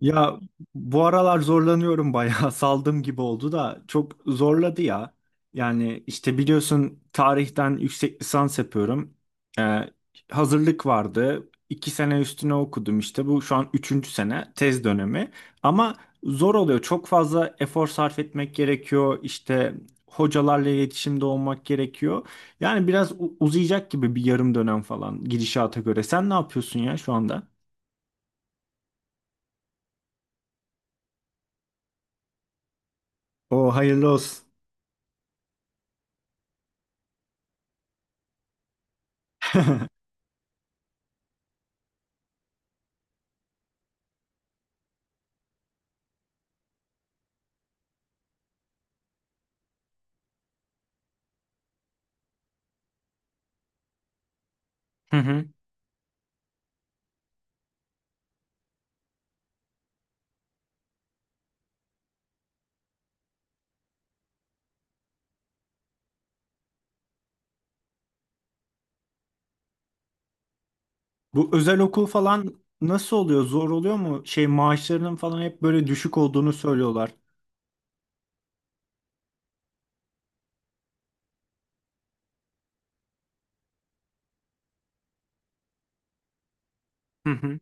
Ya bu aralar zorlanıyorum bayağı saldım gibi oldu da çok zorladı ya. Yani işte biliyorsun tarihten yüksek lisans yapıyorum. Ee, Hazırlık vardı. 2 sene üstüne okudum işte, bu şu an üçüncü sene tez dönemi. Ama zor oluyor, çok fazla efor sarf etmek gerekiyor. İşte hocalarla iletişimde olmak gerekiyor. Yani biraz uzayacak gibi, bir yarım dönem falan gidişata göre. Sen ne yapıyorsun ya şu anda? O hayırlı olsun. Bu özel okul falan nasıl oluyor? Zor oluyor mu? Şey, maaşlarının falan hep böyle düşük olduğunu söylüyorlar. Hı hı.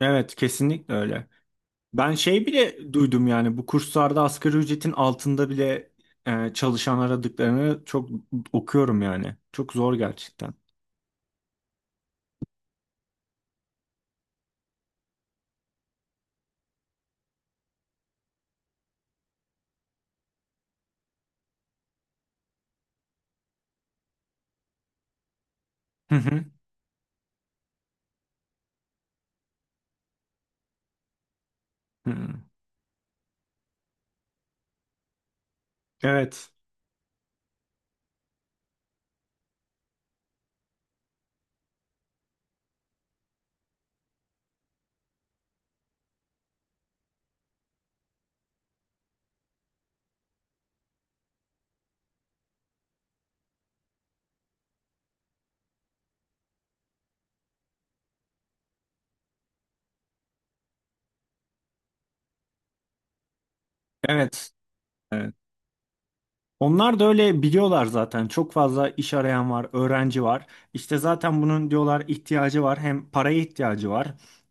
Evet, kesinlikle öyle. Ben şey bile duydum yani, bu kurslarda asgari ücretin altında bile çalışan aradıklarını çok okuyorum yani. Çok zor gerçekten. Hı hı. Hı. Evet. Evet. Evet. Onlar da öyle biliyorlar zaten. Çok fazla iş arayan var, öğrenci var. İşte zaten bunun diyorlar ihtiyacı var. Hem paraya ihtiyacı var.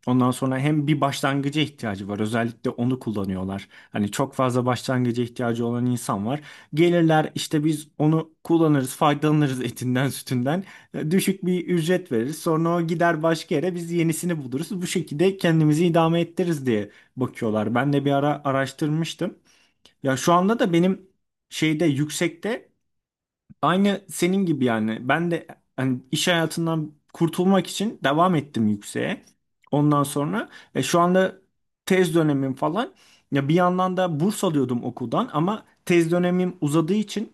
Ondan sonra hem bir başlangıca ihtiyacı var. Özellikle onu kullanıyorlar. Hani çok fazla başlangıca ihtiyacı olan insan var. Gelirler işte, biz onu kullanırız, faydalanırız etinden, sütünden. Düşük bir ücret veririz. Sonra o gider başka yere, biz yenisini buluruz. Bu şekilde kendimizi idame ettiririz diye bakıyorlar. Ben de bir ara araştırmıştım. Ya şu anda da benim şeyde, yüksekte, aynı senin gibi yani. Ben de hani iş hayatından kurtulmak için devam ettim yükseğe. Ondan sonra şu anda tez dönemim falan. Ya bir yandan da burs alıyordum okuldan, ama tez dönemim uzadığı için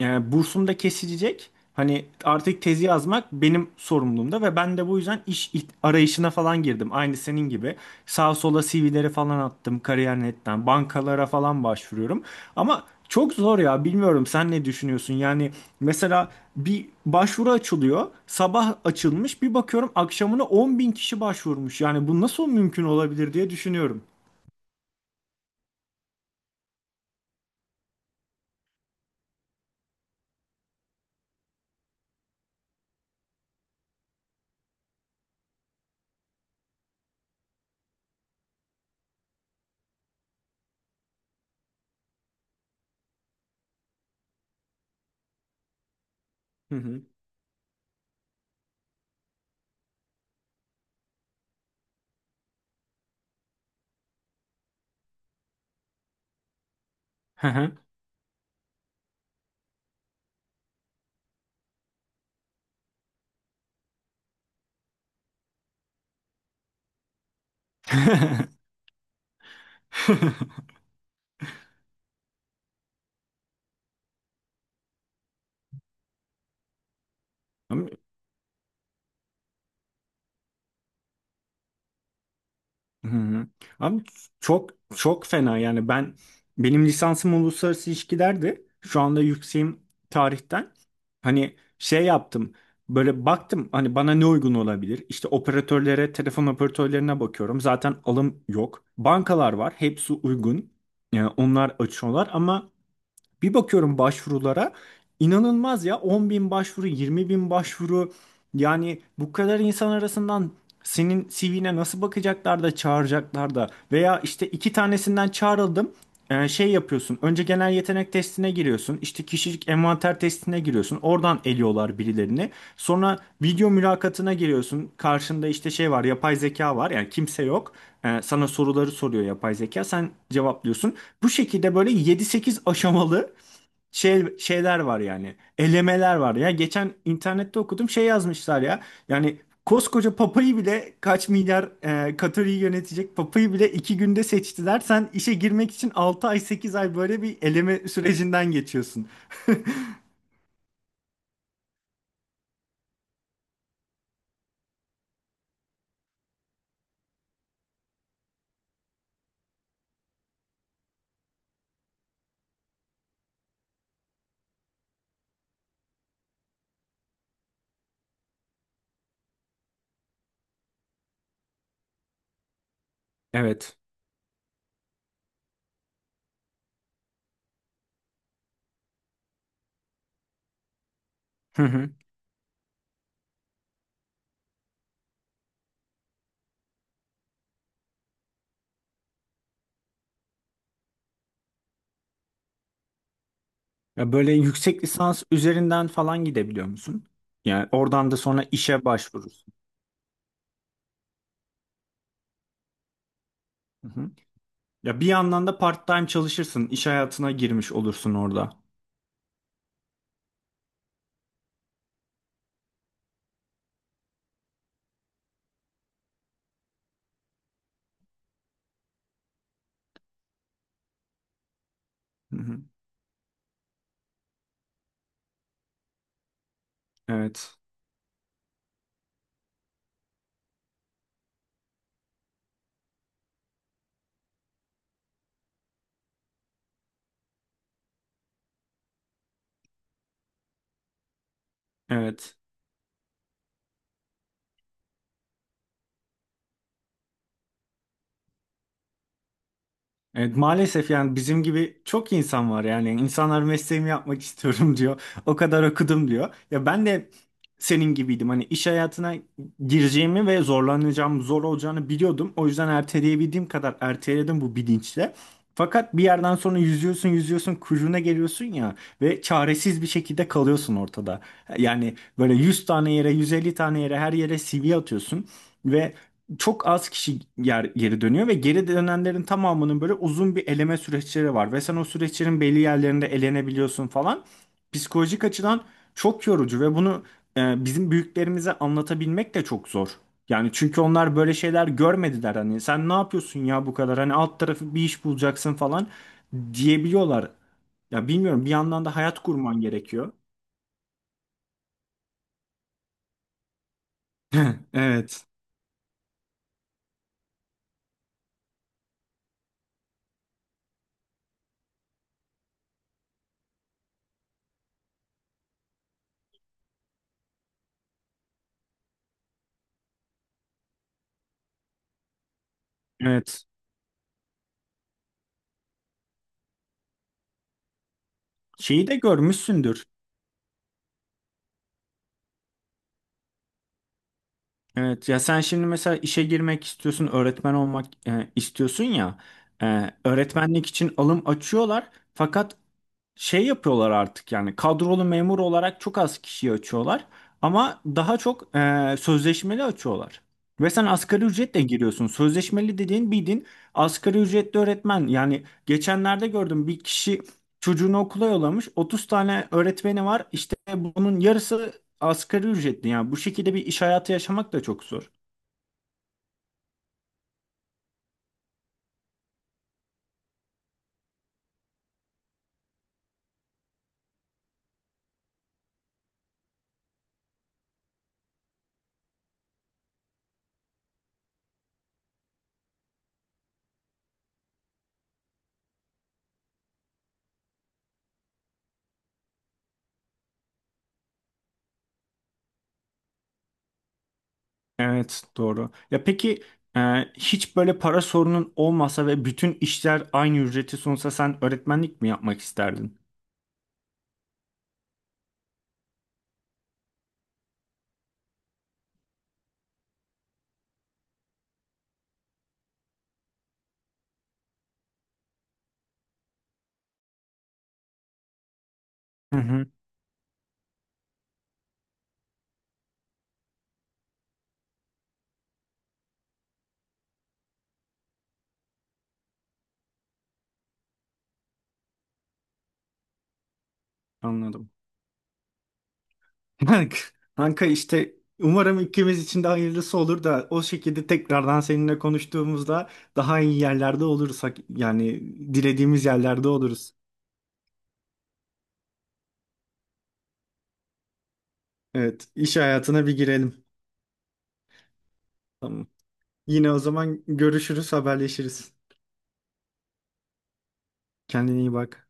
yani bursum da kesilecek. Hani artık tezi yazmak benim sorumluluğumda, ve ben de bu yüzden iş arayışına falan girdim. Aynı senin gibi. Sağa sola CV'leri falan attım, kariyer.net'ten bankalara falan başvuruyorum. Ama çok zor ya, bilmiyorum sen ne düşünüyorsun? Yani mesela bir başvuru açılıyor. Sabah açılmış, bir bakıyorum akşamına 10 bin kişi başvurmuş. Yani bu nasıl mümkün olabilir diye düşünüyorum. Hı hı. Hı hı. Hı hı. Abi çok çok fena yani, benim lisansım uluslararası ilişkilerdi. Şu anda yükseğim tarihten. Hani şey yaptım. Böyle baktım hani bana ne uygun olabilir? İşte operatörlere, telefon operatörlerine bakıyorum. Zaten alım yok. Bankalar var, hepsi uygun. Yani onlar açıyorlar ama bir bakıyorum başvurulara, inanılmaz ya, 10 bin başvuru, 20 bin başvuru. Yani bu kadar insan arasından senin CV'ne nasıl bakacaklar da çağıracaklar da? Veya işte iki tanesinden çağrıldım. Şey yapıyorsun, önce genel yetenek testine giriyorsun, işte kişilik envanter testine giriyorsun, oradan eliyorlar birilerini. Sonra video mülakatına giriyorsun, karşında işte şey var, yapay zeka var, yani kimse yok. Sana soruları soruyor yapay zeka, sen cevaplıyorsun. Bu şekilde böyle yedi sekiz aşamalı şeyler var yani. Elemeler var. Ya geçen internette okudum, şey yazmışlar ya. Yani koskoca papayı bile, kaç milyar Katar'ı yönetecek papayı bile 2 günde seçtiler. Sen işe girmek için 6 ay, 8 ay böyle bir eleme sürecinden geçiyorsun. Evet. Hı hı. Ya böyle yüksek lisans üzerinden falan gidebiliyor musun? Yani oradan da sonra işe başvurursun. Hı hı. Ya bir yandan da part-time çalışırsın, iş hayatına girmiş olursun orada. Hı hı. Evet. Evet. Evet maalesef, yani bizim gibi çok insan var, yani insanlar mesleğimi yapmak istiyorum diyor. O kadar okudum diyor. Ya ben de senin gibiydim. Hani iş hayatına gireceğimi ve zorlanacağım, zor olacağını biliyordum. O yüzden erteleyebildiğim kadar erteledim bu bilinçle. Fakat bir yerden sonra yüzüyorsun, yüzüyorsun, kuyruğuna geliyorsun ya, ve çaresiz bir şekilde kalıyorsun ortada. Yani böyle 100 tane yere, 150 tane yere, her yere CV atıyorsun ve çok az kişi yer, geri dönüyor, ve geri dönenlerin tamamının böyle uzun bir eleme süreçleri var, ve sen o süreçlerin belli yerlerinde elenebiliyorsun falan. Psikolojik açıdan çok yorucu ve bunu bizim büyüklerimize anlatabilmek de çok zor. Yani çünkü onlar böyle şeyler görmediler, hani sen ne yapıyorsun ya bu kadar, hani alt tarafı bir iş bulacaksın falan diyebiliyorlar. Ya bilmiyorum, bir yandan da hayat kurman gerekiyor. Evet. Evet. Şeyi de görmüşsündür. Evet ya, sen şimdi mesela işe girmek istiyorsun, öğretmen olmak istiyorsun ya. Öğretmenlik için alım açıyorlar. Fakat şey yapıyorlar artık yani, kadrolu memur olarak çok az kişiyi açıyorlar, ama daha çok sözleşmeli açıyorlar. Ve sen asgari ücretle giriyorsun. Sözleşmeli dediğin bildiğin asgari ücretli öğretmen. Yani geçenlerde gördüm, bir kişi çocuğunu okula yollamış. 30 tane öğretmeni var. İşte bunun yarısı asgari ücretli. Yani bu şekilde bir iş hayatı yaşamak da çok zor. Evet, doğru. Ya peki, e, hiç böyle para sorunun olmasa ve bütün işler aynı ücreti sunsa sen öğretmenlik mi yapmak isterdin? Hı hı. Anladım. Kanka kanka, işte umarım ikimiz için de hayırlısı olur da, o şekilde tekrardan seninle konuştuğumuzda daha iyi yerlerde oluruz. Yani dilediğimiz yerlerde oluruz. Evet, iş hayatına bir girelim. Tamam. Yine o zaman görüşürüz, haberleşiriz. Kendine iyi bak.